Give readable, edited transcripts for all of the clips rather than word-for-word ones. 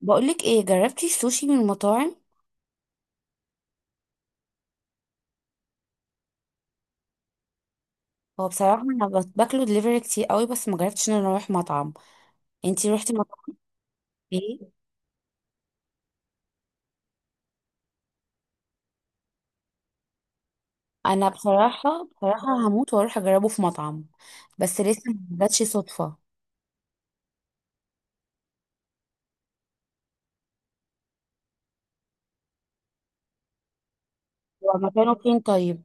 بقولك ايه، جربتي السوشي من المطاعم؟ هو بصراحة انا باكله دليفري كتير قوي، بس ما جربتش ان انا اروح مطعم. انتي روحتي مطعم؟ ايه. انا بصراحة بصراحة هموت واروح اجربه في مطعم. بس لسه ما جاتش صدفة. هو مكانه فين طيب؟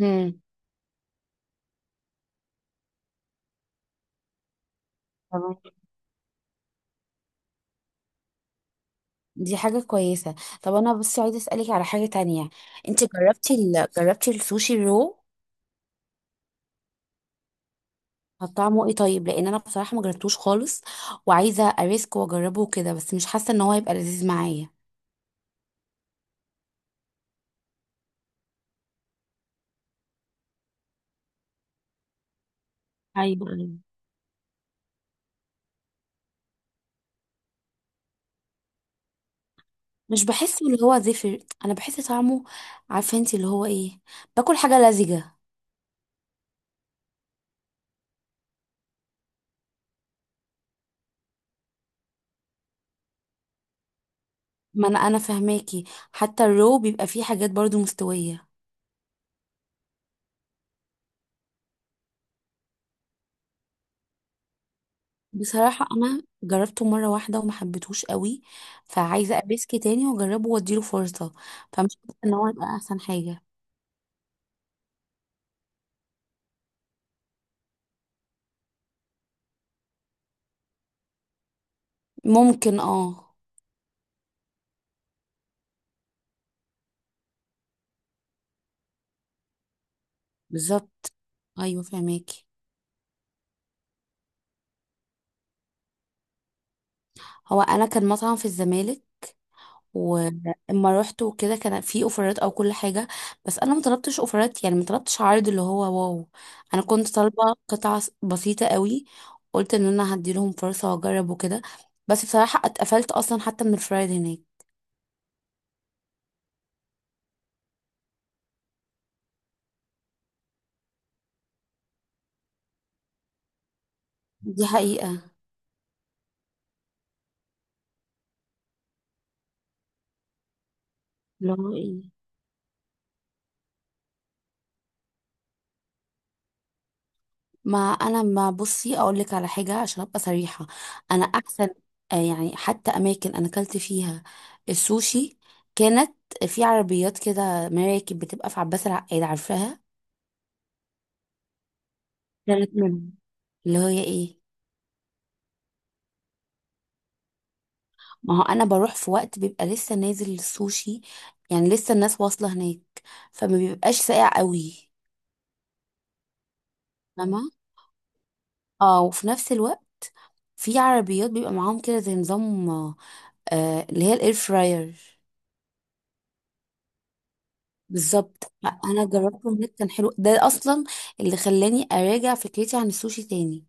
امم. تمام. دي حاجة كويسة. طب انا بس عايزة اسألك على حاجة تانية. انتي جربتي السوشي الرو؟ طب طعمه ايه طيب؟ لان انا بصراحة ما جربتوش خالص، وعايزة اريسك واجربه كده، بس مش حاسة ان هو هيبقى لذيذ معايا. ايوه. مش بحس اللي هو زفر. انا بحس طعمه. عارفه انت اللي هو ايه؟ باكل حاجه لزجه. ما انا فهماكي. حتى الرو بيبقى فيه حاجات برضو مستويه. بصراحه انا جربته مره واحده وما حبيتهوش قوي، فعايزه ابيسكي تاني واجربه واديله فرصه. فمش حاسه ان هو يبقى احسن حاجه. ممكن اه. بالظبط. ايوه فهماكي. هو انا كان مطعم في الزمالك. واما رحت وكده كان في اوفرات او كل حاجه، بس انا ما طلبتش اوفرات، يعني ما طلبتش عرض اللي هو واو. انا كنت طالبه قطعه بسيطه قوي. قلت ان انا هدي لهم فرصه واجرب وكده. بس بصراحه اتقفلت اصلا حتى من الفرايد هناك. دي حقيقه. اللي هو ايه؟ ما انا ما بصي اقول لك على حاجه عشان ابقى صريحه. انا احسن. يعني حتى اماكن انا اكلت فيها السوشي كانت في عربيات كده، مراكب بتبقى في عباس العقاد، عارفاها؟ كانت منهم. اللي هي ايه؟ ما هو انا بروح في وقت بيبقى لسه نازل السوشي، يعني لسه الناس واصله هناك، فما بيبقاش ساقع قوي. فاهمه؟ اه، وفي نفس الوقت في عربيات بيبقى معاهم كده زي نظام، اللي هي الاير فراير. بالظبط. انا جربته هناك، كان حلو، ده اصلا اللي خلاني اراجع فكرتي عن السوشي تاني.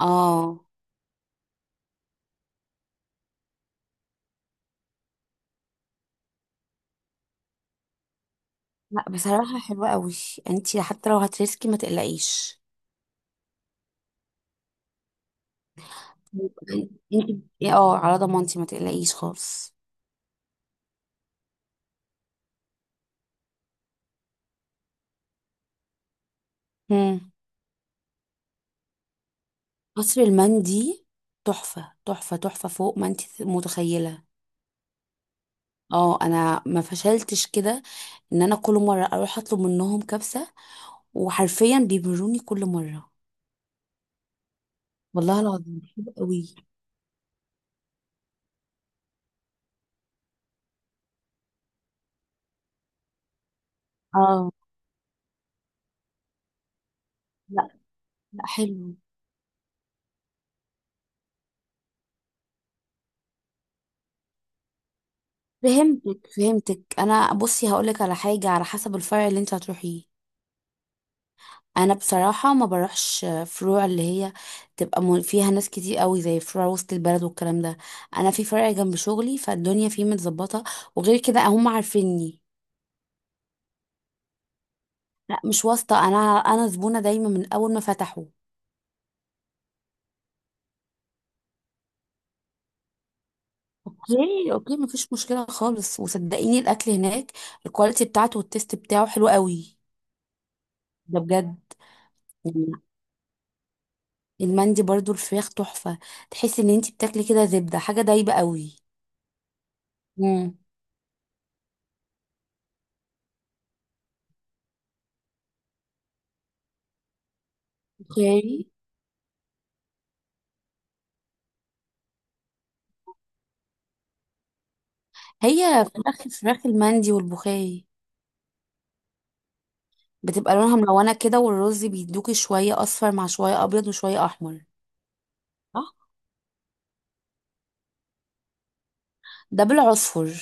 اه. لا، بصراحه حلوه قوي. انت حتى لو هترسكي ما تقلقيش. انت اه، على ضمانتي ما تقلقيش خالص. مم. قصر المندي. تحفة تحفة تحفة فوق ما انت متخيلة. اه انا ما فشلتش كده، ان انا كل مرة اروح اطلب منهم كبسة، وحرفيا بيبروني كل مرة. والله العظيم حلو قوي. اه. لا لا حلو. فهمتك فهمتك، انا بصي هقولك على حاجة على حسب الفرع اللي انت هتروحيه. انا بصراحه ما بروحش فروع اللي هي تبقى فيها ناس كتير قوي، زي فروع وسط البلد والكلام ده. انا في فرع جنب شغلي فالدنيا فيه متظبطه، وغير كده هم عارفيني. لا مش واسطه، انا زبونه دايما من اول ما فتحوا. اوكي اوكي، مفيش مشكله خالص، وصدقيني الاكل هناك الكواليتي بتاعته والتيست بتاعه حلو قوي. ده بجد. يعني المندي برضو الفراخ تحفه. تحسي ان انتي بتاكلي كده زبده، حاجه دايبه قوي. امم. اوكي. هي فراخ المندي والبخاري بتبقى لونها ملونة كده، والرز بيدوكي شوية أصفر مع شوية أبيض وشوية أحمر. صح. ده بالعصفر.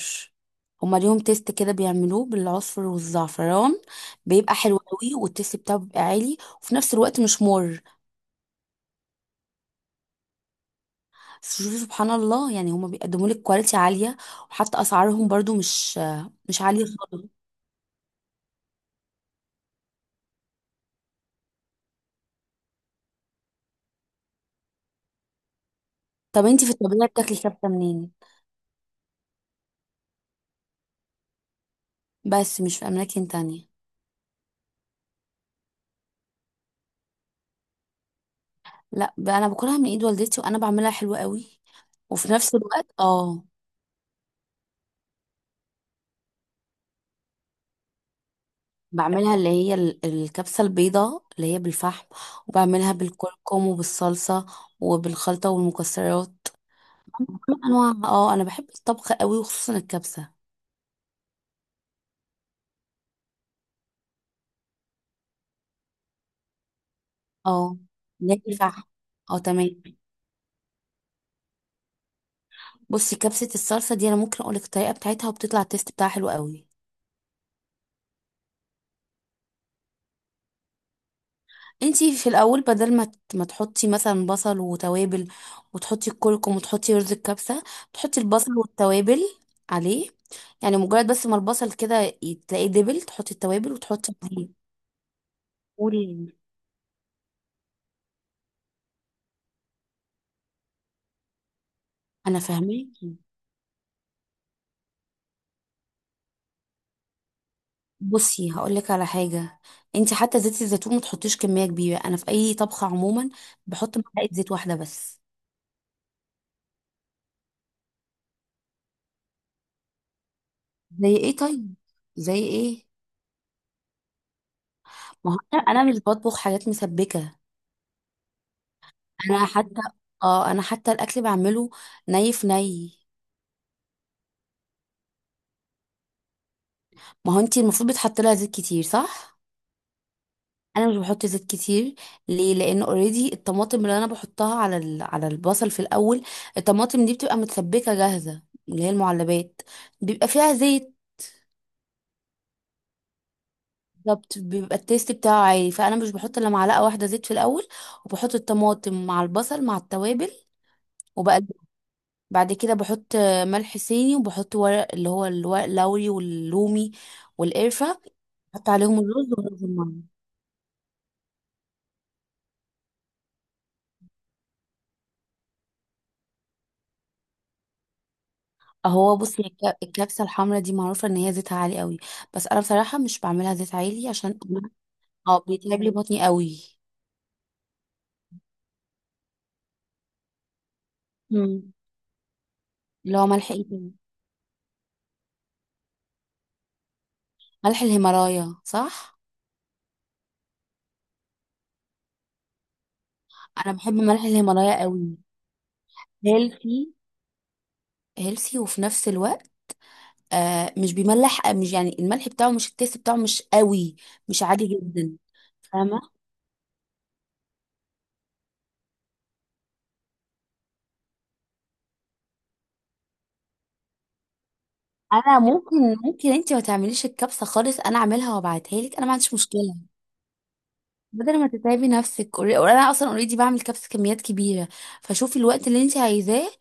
هما ليهم تيست كده بيعملوه بالعصفر والزعفران، بيبقى حلو قوي، والتيست بتاعه بيبقى عالي وفي نفس الوقت مش مر. شوفي سبحان الله، يعني هما بيقدموا لك كواليتي عالية، وحتى أسعارهم برضو مش عالية خالص. طب انتي في الطبيعة بتاكلي كبسة منين؟ بس مش في أماكن تانية؟ لا بقى، انا باكلها من ايد والدتي، وانا بعملها حلوة قوي. وفي نفس الوقت بعملها اللي هي الكبسة البيضاء اللي هي بالفحم، وبعملها بالكركم وبالصلصة، وبالخلطة والمكسرات. انواع. اه انا بحب الطبخ قوي وخصوصا الكبسة. اه اللي هي بالفحم. اه تمام. بصي كبسة الصلصة دي انا ممكن اقولك الطريقة بتاعتها، وبتطلع التيست بتاعها حلو قوي. انتي في الاول بدل ما ما تحطي مثلا بصل وتوابل وتحطي الكركم وتحطي رز الكبسه، تحطي البصل والتوابل عليه. يعني مجرد بس ما البصل كده تلاقيه دبل، تحطي التوابل وتحطي عليه. قولي. انا فاهماكي. بصي هقولك على حاجه. انتي حتى زيت الزيتون ما تحطيش كميه كبيره، انا في اي طبخه عموما بحط معلقه زيت واحده بس. زي ايه طيب؟ زي ايه؟ ما هو انا مش بطبخ حاجات مسبكه. انا حتى. اه انا حتى الاكل بعمله ني في ني. ما هو انتي المفروض بتحط لها زيت كتير، صح؟ انا مش بحط زيت كتير. ليه، لان اوريدي الطماطم اللي انا بحطها على البصل في الاول. الطماطم دي بتبقى متسبكه جاهزه، اللي هي المعلبات، بيبقى فيها زيت. بالظبط، بيبقى التيست بتاعه عالي، فانا مش بحط الا معلقه واحده زيت في الاول، وبحط الطماطم مع البصل مع التوابل. بعد كده بحط ملح صيني، وبحط ورق اللي هو الورق اللوري واللومي والقرفة. بحط عليهم الرز ورز المية. اهو بصي الكبسة الحمرا دي معروفة ان هي زيتها عالي قوي، بس انا بصراحة مش بعملها زيت عالي عشان. اه بيتعب لي بطني قوي. مم. اللي هو ملح ايه تاني؟ ملح الهيمالايا صح؟ انا بحب ملح الهيمالايا قوي. هيلثي. هيلثي وفي نفس الوقت مش بيملح، مش يعني الملح بتاعه مش، التيست بتاعه مش قوي. مش عادي جدا. فاهمة؟ انا ممكن انت ما تعمليش الكبسه خالص، انا اعملها وابعتها لك، انا ما عنديش مشكله. بدل ما تتعبي نفسك انا اصلا اوريدي بعمل كبسه كميات كبيره، فشوفي الوقت اللي انت عايزاه.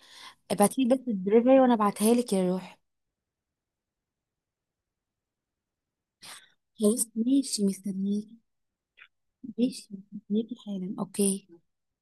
ابعتي لي بس الدليفري وانا ابعتها لك يا روح. خلاص ماشي مستنيك. ماشي مستنيكي حالا اوكي.